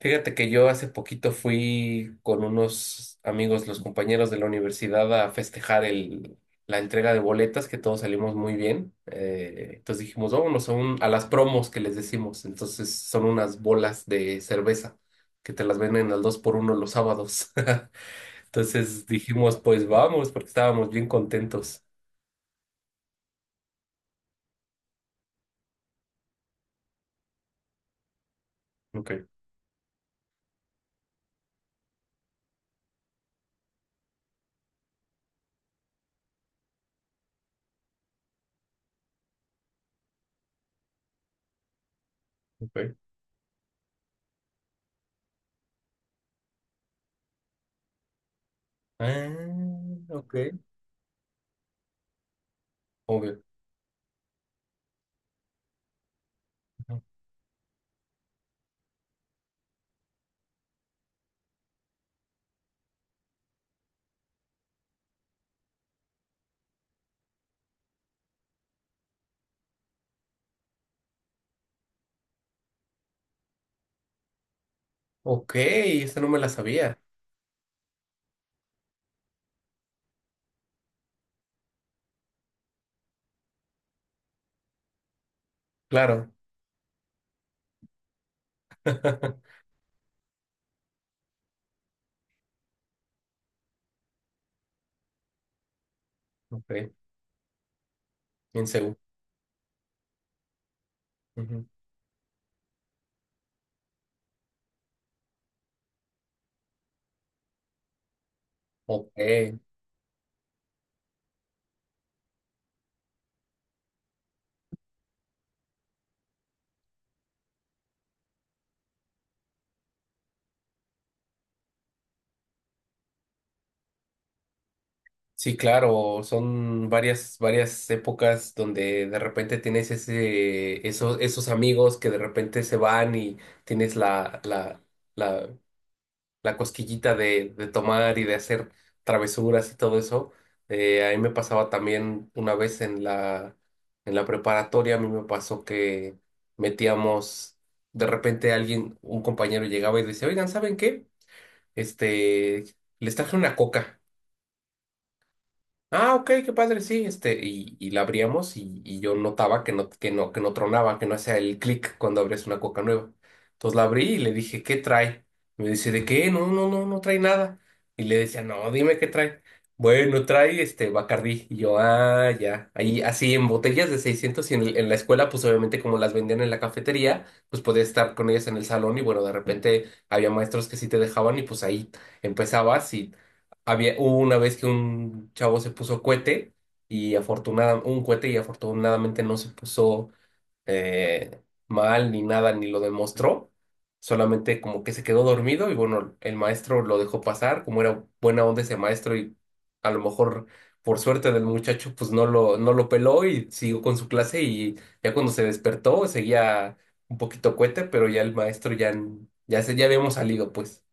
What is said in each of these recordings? Fíjate que yo hace poquito fui con unos amigos, los compañeros de la universidad, a festejar la entrega de boletas, que todos salimos muy bien. Entonces dijimos, vámonos a las promos que les decimos. Entonces son unas bolas de cerveza que te las venden al 2 por uno los sábados. Entonces dijimos, pues vamos, porque estábamos bien contentos. Ok, ok. Ah, ok. Obvio. Ujú. Ok, esta no me la sabía. Claro. Ok, bien. Ujú. Ok, sí, claro, son varias, varias épocas donde de repente tienes esos, esos amigos que de repente se van y tienes la, la cosquillita de tomar y de hacer travesuras y todo eso. A mí me pasaba también una vez en en la preparatoria. A mí me pasó que metíamos, de repente alguien, un compañero llegaba y decía, oigan, ¿saben qué? Este, Les traje una coca. Ah, ok, qué padre, sí, este, y la abríamos y yo notaba que que no tronaba, que no hacía el clic cuando abrías una coca nueva. Entonces la abrí y le dije, ¿qué trae? Me dice, ¿de qué? No trae nada. Y le decía, no, dime qué trae. Bueno, trae este Bacardí. Y yo, ah, ya. Ahí, así en botellas de 600 y en la escuela, pues obviamente como las vendían en la cafetería, pues podías estar con ellas en el salón. Y bueno, de repente había maestros que sí te dejaban y pues ahí empezabas. Hubo una vez que un chavo se puso cohete y afortunadamente no se puso, eh, mal ni nada, ni lo demostró. Solamente como que se quedó dormido y bueno, el maestro lo dejó pasar, como era buena onda ese maestro. Y a lo mejor por suerte del muchacho pues no lo peló y siguió con su clase. Y ya cuando se despertó seguía un poquito cohete, pero ya el maestro ya, ya habíamos salido pues.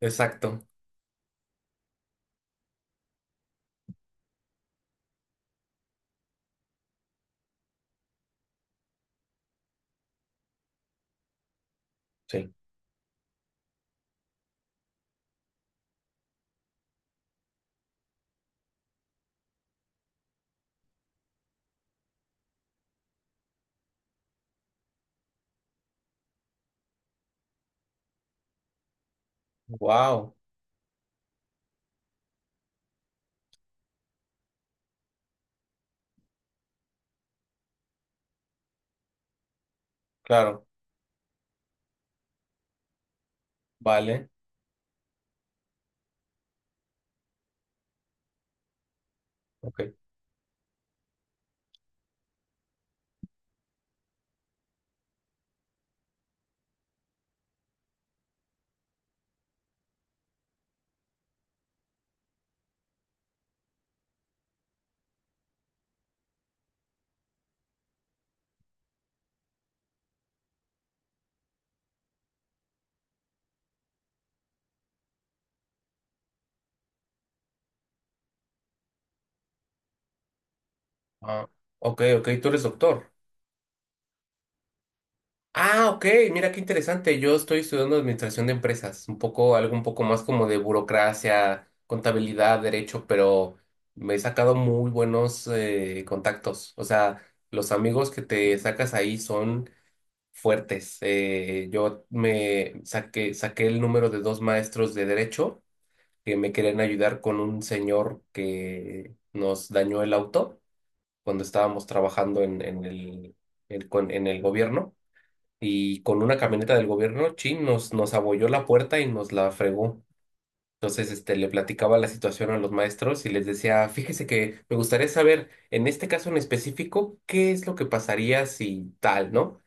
Exacto. Sí. Wow, claro. Vale, ok. Ah, ok, ok, tú eres doctor. Ah, ok, mira qué interesante. Yo estoy estudiando administración de empresas, un poco, algo un poco más como de burocracia, contabilidad, derecho, pero me he sacado muy buenos contactos. O sea, los amigos que te sacas ahí son fuertes. Yo me saqué, saqué el número de dos maestros de derecho que me querían ayudar con un señor que nos dañó el auto. Cuando estábamos trabajando en el gobierno y con una camioneta del gobierno, chin, nos abolló la puerta y nos la fregó. Entonces, este, le platicaba la situación a los maestros y les decía, fíjese que me gustaría saber, en este caso en específico, qué es lo que pasaría si tal, ¿no?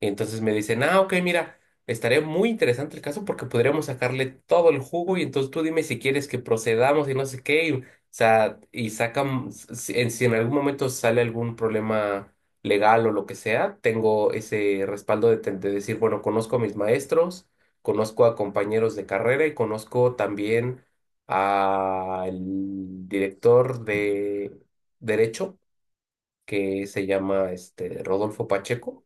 Y entonces me dicen, ah, ok, mira, estaría muy interesante el caso porque podríamos sacarle todo el jugo, y entonces tú dime si quieres que procedamos y no sé qué. O sea, y sacan, si en algún momento sale algún problema legal o lo que sea, tengo ese respaldo de decir, bueno, conozco a mis maestros, conozco a compañeros de carrera y conozco también al director de Derecho, que se llama este, Rodolfo Pacheco,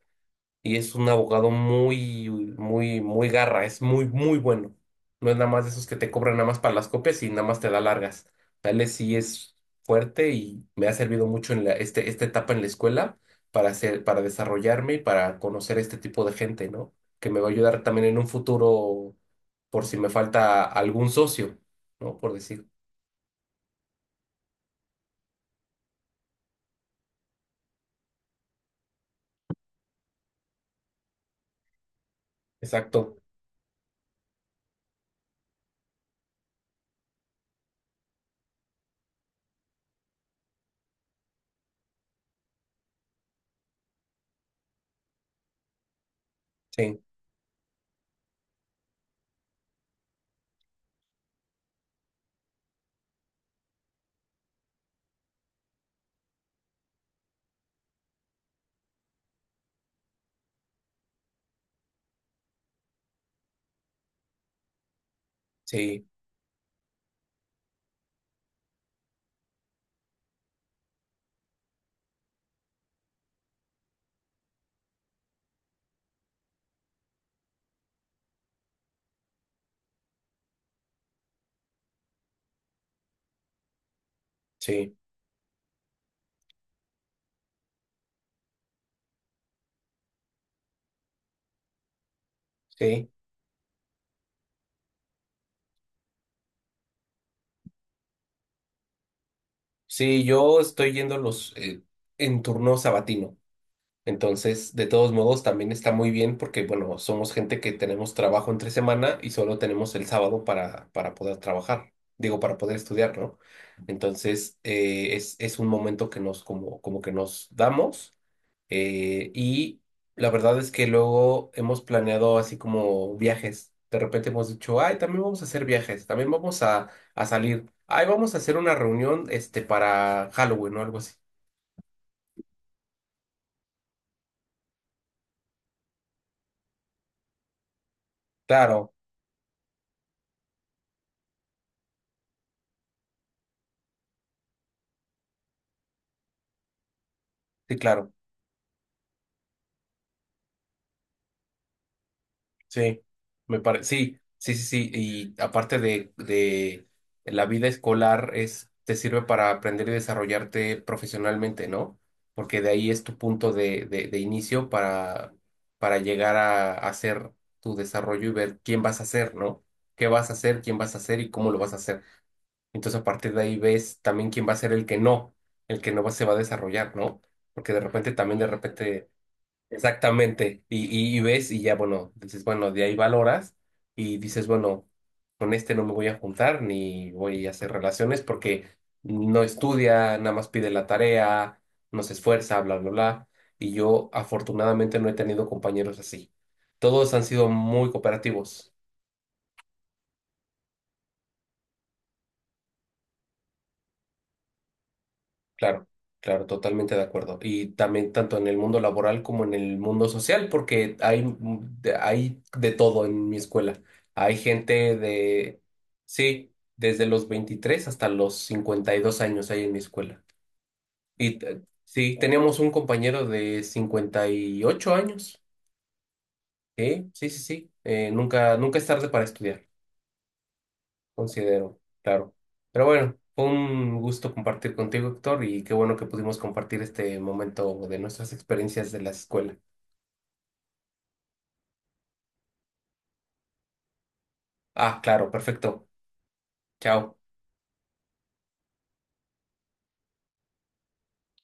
y es un abogado muy, muy garra, es muy, muy bueno. No es nada más de esos que te cobran nada más para las copias y nada más te da largas. Tal vez sí es fuerte y me ha servido mucho en este, esta etapa en la escuela para hacer, para desarrollarme y para conocer este tipo de gente, ¿no? Que me va a ayudar también en un futuro por si me falta algún socio, ¿no? Por decir. Exacto. Sí, sí, sí, sí. Sí, yo estoy yendo los en turno sabatino. Entonces, de todos modos, también está muy bien porque, bueno, somos gente que tenemos trabajo entre semana y solo tenemos el sábado para poder trabajar, digo, para poder estudiar, ¿no? Entonces, es un momento que nos, como que nos damos y la verdad es que luego hemos planeado así como viajes. De repente hemos dicho, ay, también vamos a hacer viajes, también vamos a salir, ay, vamos a hacer una reunión, este, para Halloween o algo así. Claro, sí, claro. Sí, me parece, sí, sí, sí, sí, y aparte de la vida escolar es, te sirve para aprender y desarrollarte profesionalmente, ¿no? Porque de ahí es tu punto de inicio para llegar a, hacer tu desarrollo y ver quién vas a ser, ¿no? ¿Qué vas a hacer, quién vas a hacer y cómo lo vas a hacer? Entonces a partir de ahí ves también quién va a ser el que no se va a desarrollar, ¿no? Porque de repente también de repente. Exactamente. Y ves y ya, bueno, dices, bueno, de ahí valoras y dices, bueno, con este no me voy a juntar ni voy a hacer relaciones porque no estudia, nada más pide la tarea, no se esfuerza, bla, bla, bla. Y yo afortunadamente no he tenido compañeros así. Todos han sido muy cooperativos. Claro, claro, totalmente de acuerdo. Y también tanto en el mundo laboral como en el mundo social, porque hay, mm, hay de todo en mi escuela. Hay gente de, sí, desde los 23 hasta los 52 años hay en mi escuela. Y sí, teníamos un compañero de 58 años. Sí, sí, sí, sí. Nunca, nunca es tarde para estudiar. Considero, claro. Pero bueno, fue un gusto compartir contigo, Héctor, y qué bueno que pudimos compartir este momento de nuestras experiencias de la escuela. Ah, claro, perfecto. Chao.